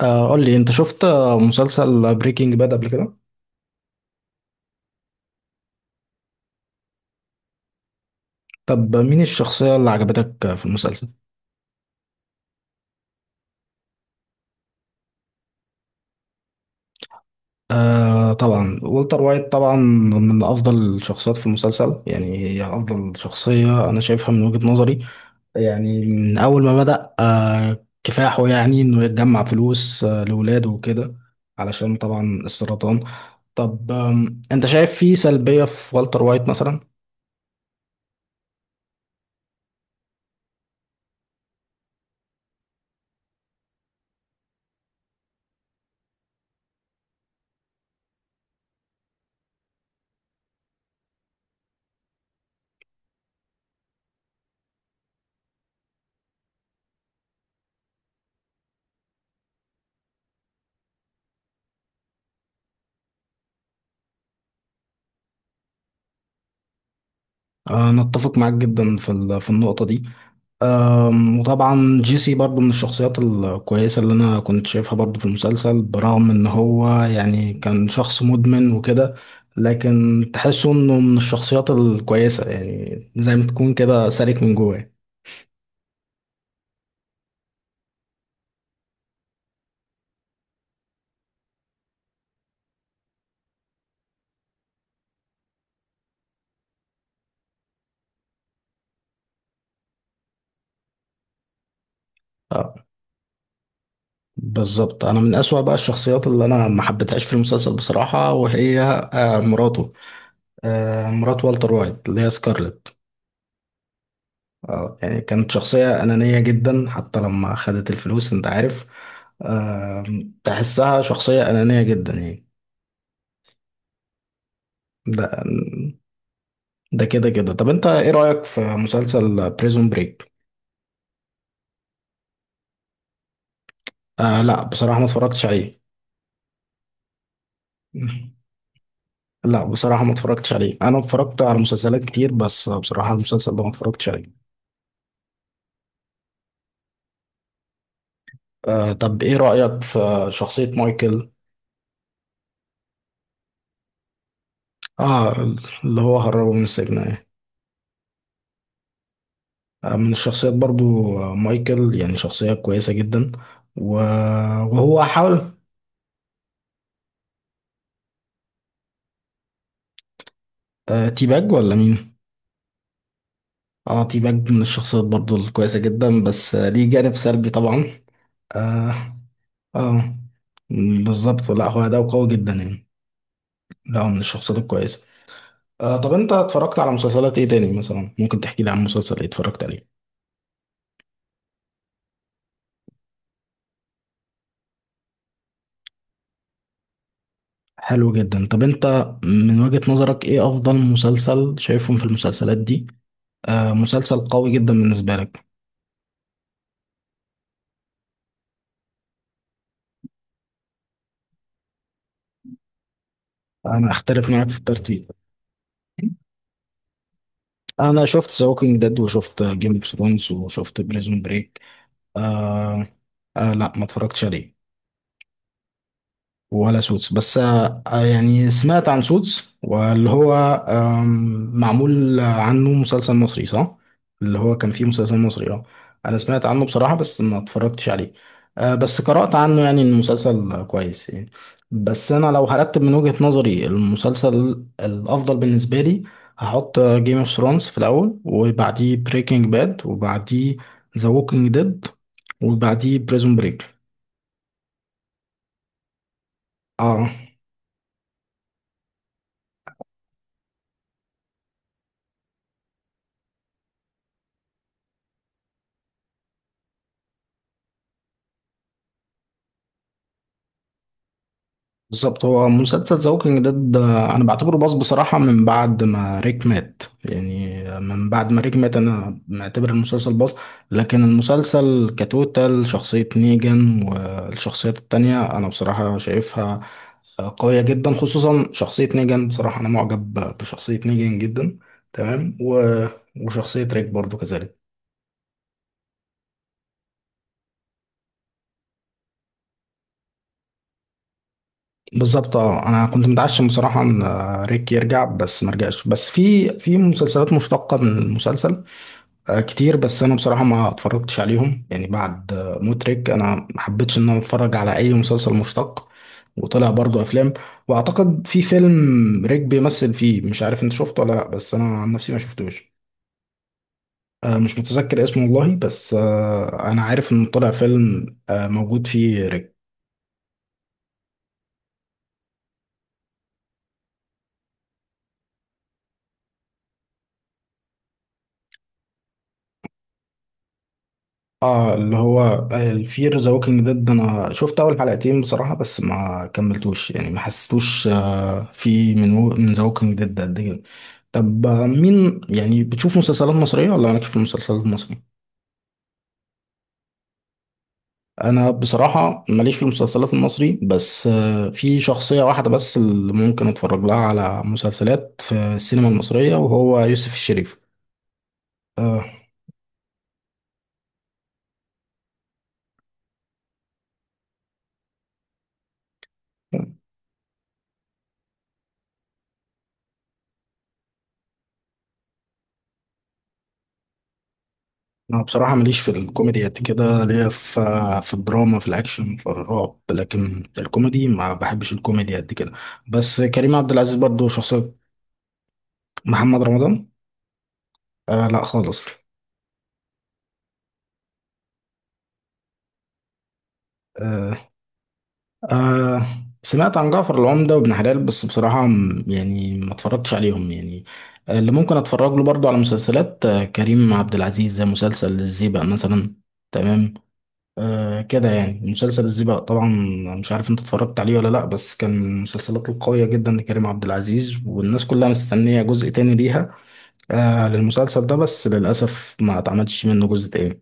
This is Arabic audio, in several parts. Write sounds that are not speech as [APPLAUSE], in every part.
قول لي انت شفت مسلسل بريكنج باد قبل كده. طب مين الشخصية اللي عجبتك في المسلسل؟ طبعا والتر وايت طبعا من افضل الشخصيات في المسلسل، يعني هي افضل شخصية انا شايفها من وجهة نظري. يعني من اول ما بدأ كفاحه، يعني انه يتجمع فلوس لولاده وكده. علشان طبعا السرطان. طب، انت شايف في سلبية في والتر وايت مثلا؟ انا اتفق معاك جدا في النقطة دي. وطبعا جيسي برضو من الشخصيات الكويسة اللي أنا كنت شايفها برضو في المسلسل، برغم إن هو يعني كان شخص مدمن وكده. لكن تحسه إنه من الشخصيات الكويسة، يعني زي ما تكون كده سالك من جواه. أه، بالظبط. أنا من أسوأ بقى الشخصيات اللي أنا ما حبيتهاش في المسلسل بصراحة، وهي مراته، مرات والتر وايت اللي هي سكارلت. اه، يعني كانت شخصية أنانية جدا، حتى لما خدت الفلوس أنت عارف. تحسها شخصية أنانية جدا يعني. ده ده كده كده. طب، أنت إيه رأيك في مسلسل بريزون بريك؟ لا، بصراحة ما اتفرجتش عليه. [LAUGHS] لا، بصراحة ما اتفرجتش عليه. أنا اتفرجت على مسلسلات كتير، بس بصراحة المسلسل ده ما اتفرجتش عليه. طب، إيه رأيك في شخصية مايكل؟ آه اللي هو هربه من السجن. من الشخصيات برضو. مايكل يعني شخصية كويسة جدا و- وهو حاول. تيباج ولا مين؟ اه، تيباج من الشخصيات برضو الكويسة جدا، بس ليه جانب سلبي طبعا. اه، اه، بالظبط. لا، هو ده قوي جدا يعني. لا، هو من الشخصيات الكويسة. طب، انت اتفرجت على مسلسلات ايه تاني مثلا؟ ممكن تحكي لي عن مسلسل ايه اتفرجت عليه؟ حلو جدا. طب انت، من وجهة نظرك ايه افضل مسلسل شايفهم في المسلسلات دي؟ مسلسل قوي جدا بالنسبة لك؟ انا اختلف معاك في الترتيب. انا شفت ذا ووكينج ديد وشفت جيم اوف ثرونز وشفت بريزون بريك آه لا، ما اتفرجتش عليه. ولا سوتس، بس يعني سمعت عن سوتس واللي هو معمول عنه مسلسل مصري، صح؟ اللي هو كان فيه مسلسل مصري، اه. انا سمعت عنه بصراحة، بس ما اتفرجتش عليه. بس قرأت عنه يعني إن المسلسل كويس يعني. بس انا لو هرتب من وجهة نظري المسلسل الافضل بالنسبة لي، هحط جيم اوف ثرونز في الاول، وبعديه بريكنج باد، وبعديه ذا ووكينج ديد، وبعديه بريزون بريك. اه، بالظبط. هو مسلسل ذا ووكينج ديد انا بعتبره باظ بصراحه من بعد ما ريك مات، يعني من بعد ما ريك مات انا معتبر المسلسل باظ. لكن المسلسل كتوتال، شخصيه نيجان والشخصيات التانية انا بصراحه شايفها قويه جدا، خصوصا شخصيه نيجان. بصراحه انا معجب بشخصيه نيجان جدا. تمام وشخصيه ريك برضو كذلك. بالظبط. اه، انا كنت متعشم بصراحه ان ريك يرجع، بس ما رجعش. بس في مسلسلات مشتقه من المسلسل كتير، بس انا بصراحه ما اتفرجتش عليهم، يعني بعد مترك انا ما حبيتش ان انا اتفرج على اي مسلسل مشتق. وطلع برضو افلام. واعتقد في فيلم ريك بيمثل فيه، مش عارف انت شفته ولا لا، بس انا عن نفسي ما شفتوش. مش متذكر اسمه والله، بس انا عارف انه طلع فيلم موجود فيه ريك. اه، اللي هو الفير ذا ووكينج ديد، انا شفت اول حلقتين بصراحه بس ما كملتوش، يعني ما حسيتوش في من ذا ووكينج ديد قد كده. طب مين، يعني بتشوف مسلسلات مصريه ولا مالكش في المسلسلات المصريه؟ انا بصراحه ماليش في المسلسلات المصري، بس في شخصيه واحده بس اللي ممكن اتفرج لها على مسلسلات في السينما المصريه، وهو يوسف الشريف. آه انا بصراحه ماليش في الكوميدي قد كده. ليا في الدراما، في الاكشن، في الرعب، لكن الكوميدي ما بحبش الكوميدي قد كده. بس كريم عبد العزيز برضو شخصيه. محمد رمضان؟ لا خالص. آه سمعت عن جعفر العمده وابن حلال، بس بصراحه يعني ما اتفرجتش عليهم يعني. اللي ممكن اتفرج له برضو على مسلسلات كريم عبد العزيز زي مسلسل الزيبق مثلا. تمام. كده يعني مسلسل الزيبق طبعا. مش عارف انت اتفرجت عليه ولا لا، بس كان من المسلسلات القوية جدا لكريم عبد العزيز، والناس كلها مستنية جزء تاني ليها، للمسلسل ده، بس للأسف ما اتعملش منه جزء تاني.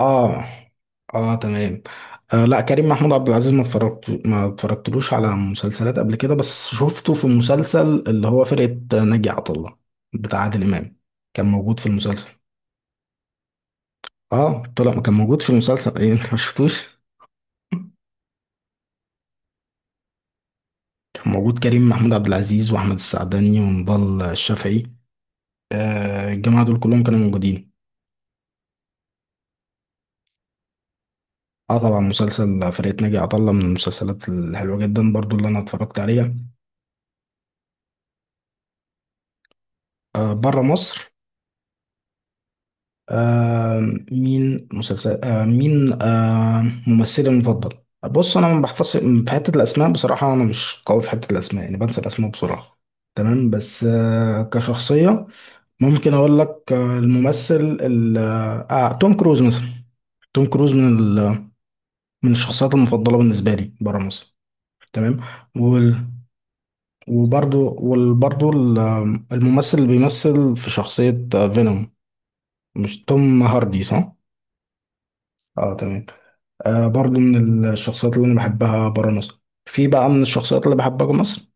اه، اه، تمام. لا، كريم محمود عبد العزيز ما اتفرجتلوش على مسلسلات قبل كده، بس شفته في المسلسل اللي هو فرقة ناجي عطا الله بتاع عادل إمام. كان موجود في المسلسل. اه طلع، كان موجود في المسلسل، ايه انت ما شفتوش؟ موجود كريم محمود عبد العزيز واحمد السعداني ونضال الشافعي، الجماعه دول كلهم كانوا موجودين. اه طبعا، مسلسل فرقة ناجي عطا الله من المسلسلات الحلوه جدا برضو اللي انا اتفرجت عليها. بره مصر. آه مين مسلسل مين ممثلي المفضل؟ بص، انا ما بحفظش في حته الاسماء بصراحه، انا مش قوي في حته الاسماء، يعني بنسى الاسماء بسرعه. تمام، بس كشخصيه ممكن اقول لك الممثل ال آه آه، توم كروز مثلا. توم كروز من الشخصيات المفضله بالنسبه لي بره مصر. تمام. وال وبرضو الممثل اللي بيمثل في شخصيه فينوم. مش توم هاردي، صح؟ اه، تمام. برضو من الشخصيات اللي انا بحبها بره مصر. في بقى من الشخصيات اللي بحبها جوه مصر.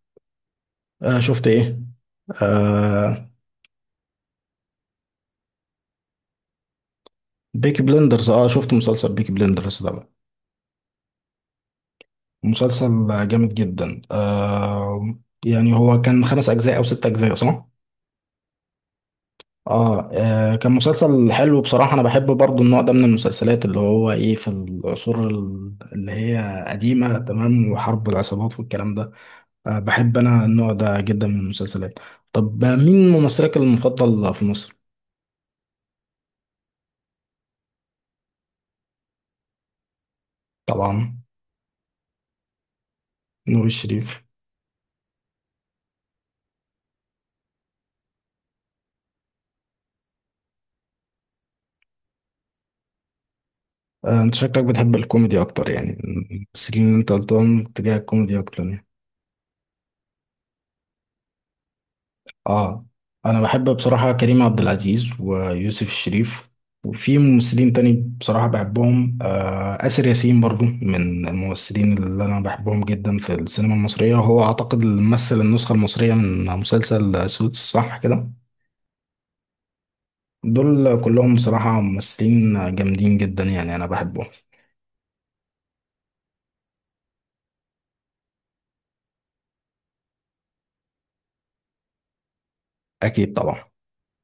شفت ايه؟ آه بيكي بلندرز، اه شفت مسلسل بيكي بلندرز ده. مسلسل جامد جدا. يعني هو كان خمس أجزاء أو ست أجزاء، صح؟ كان مسلسل حلو بصراحة. أنا بحب برضو النوع ده من المسلسلات اللي هو إيه، في العصور اللي هي قديمة تمام، وحرب العصابات والكلام ده. بحب أنا النوع ده جدا من المسلسلات. طب، مين ممثلك المفضل في مصر؟ طبعا. نور الشريف. أنت شكلك بتحب الكوميدي أكتر، يعني الممثلين اللي أنت قلتهم اتجاه الكوميدي أكتر يعني. اه، انا بحب بصراحة كريم عبد العزيز ويوسف الشريف، وفي ممثلين تاني بصراحة بحبهم. آسر ياسين برضو من الممثلين اللي انا بحبهم جدا في السينما المصرية، وهو اعتقد اللي مثل النسخة المصرية من مسلسل سوتس، صح كده؟ دول كلهم بصراحة ممثلين جامدين جدا، يعني انا بحبهم. اكيد طبعا.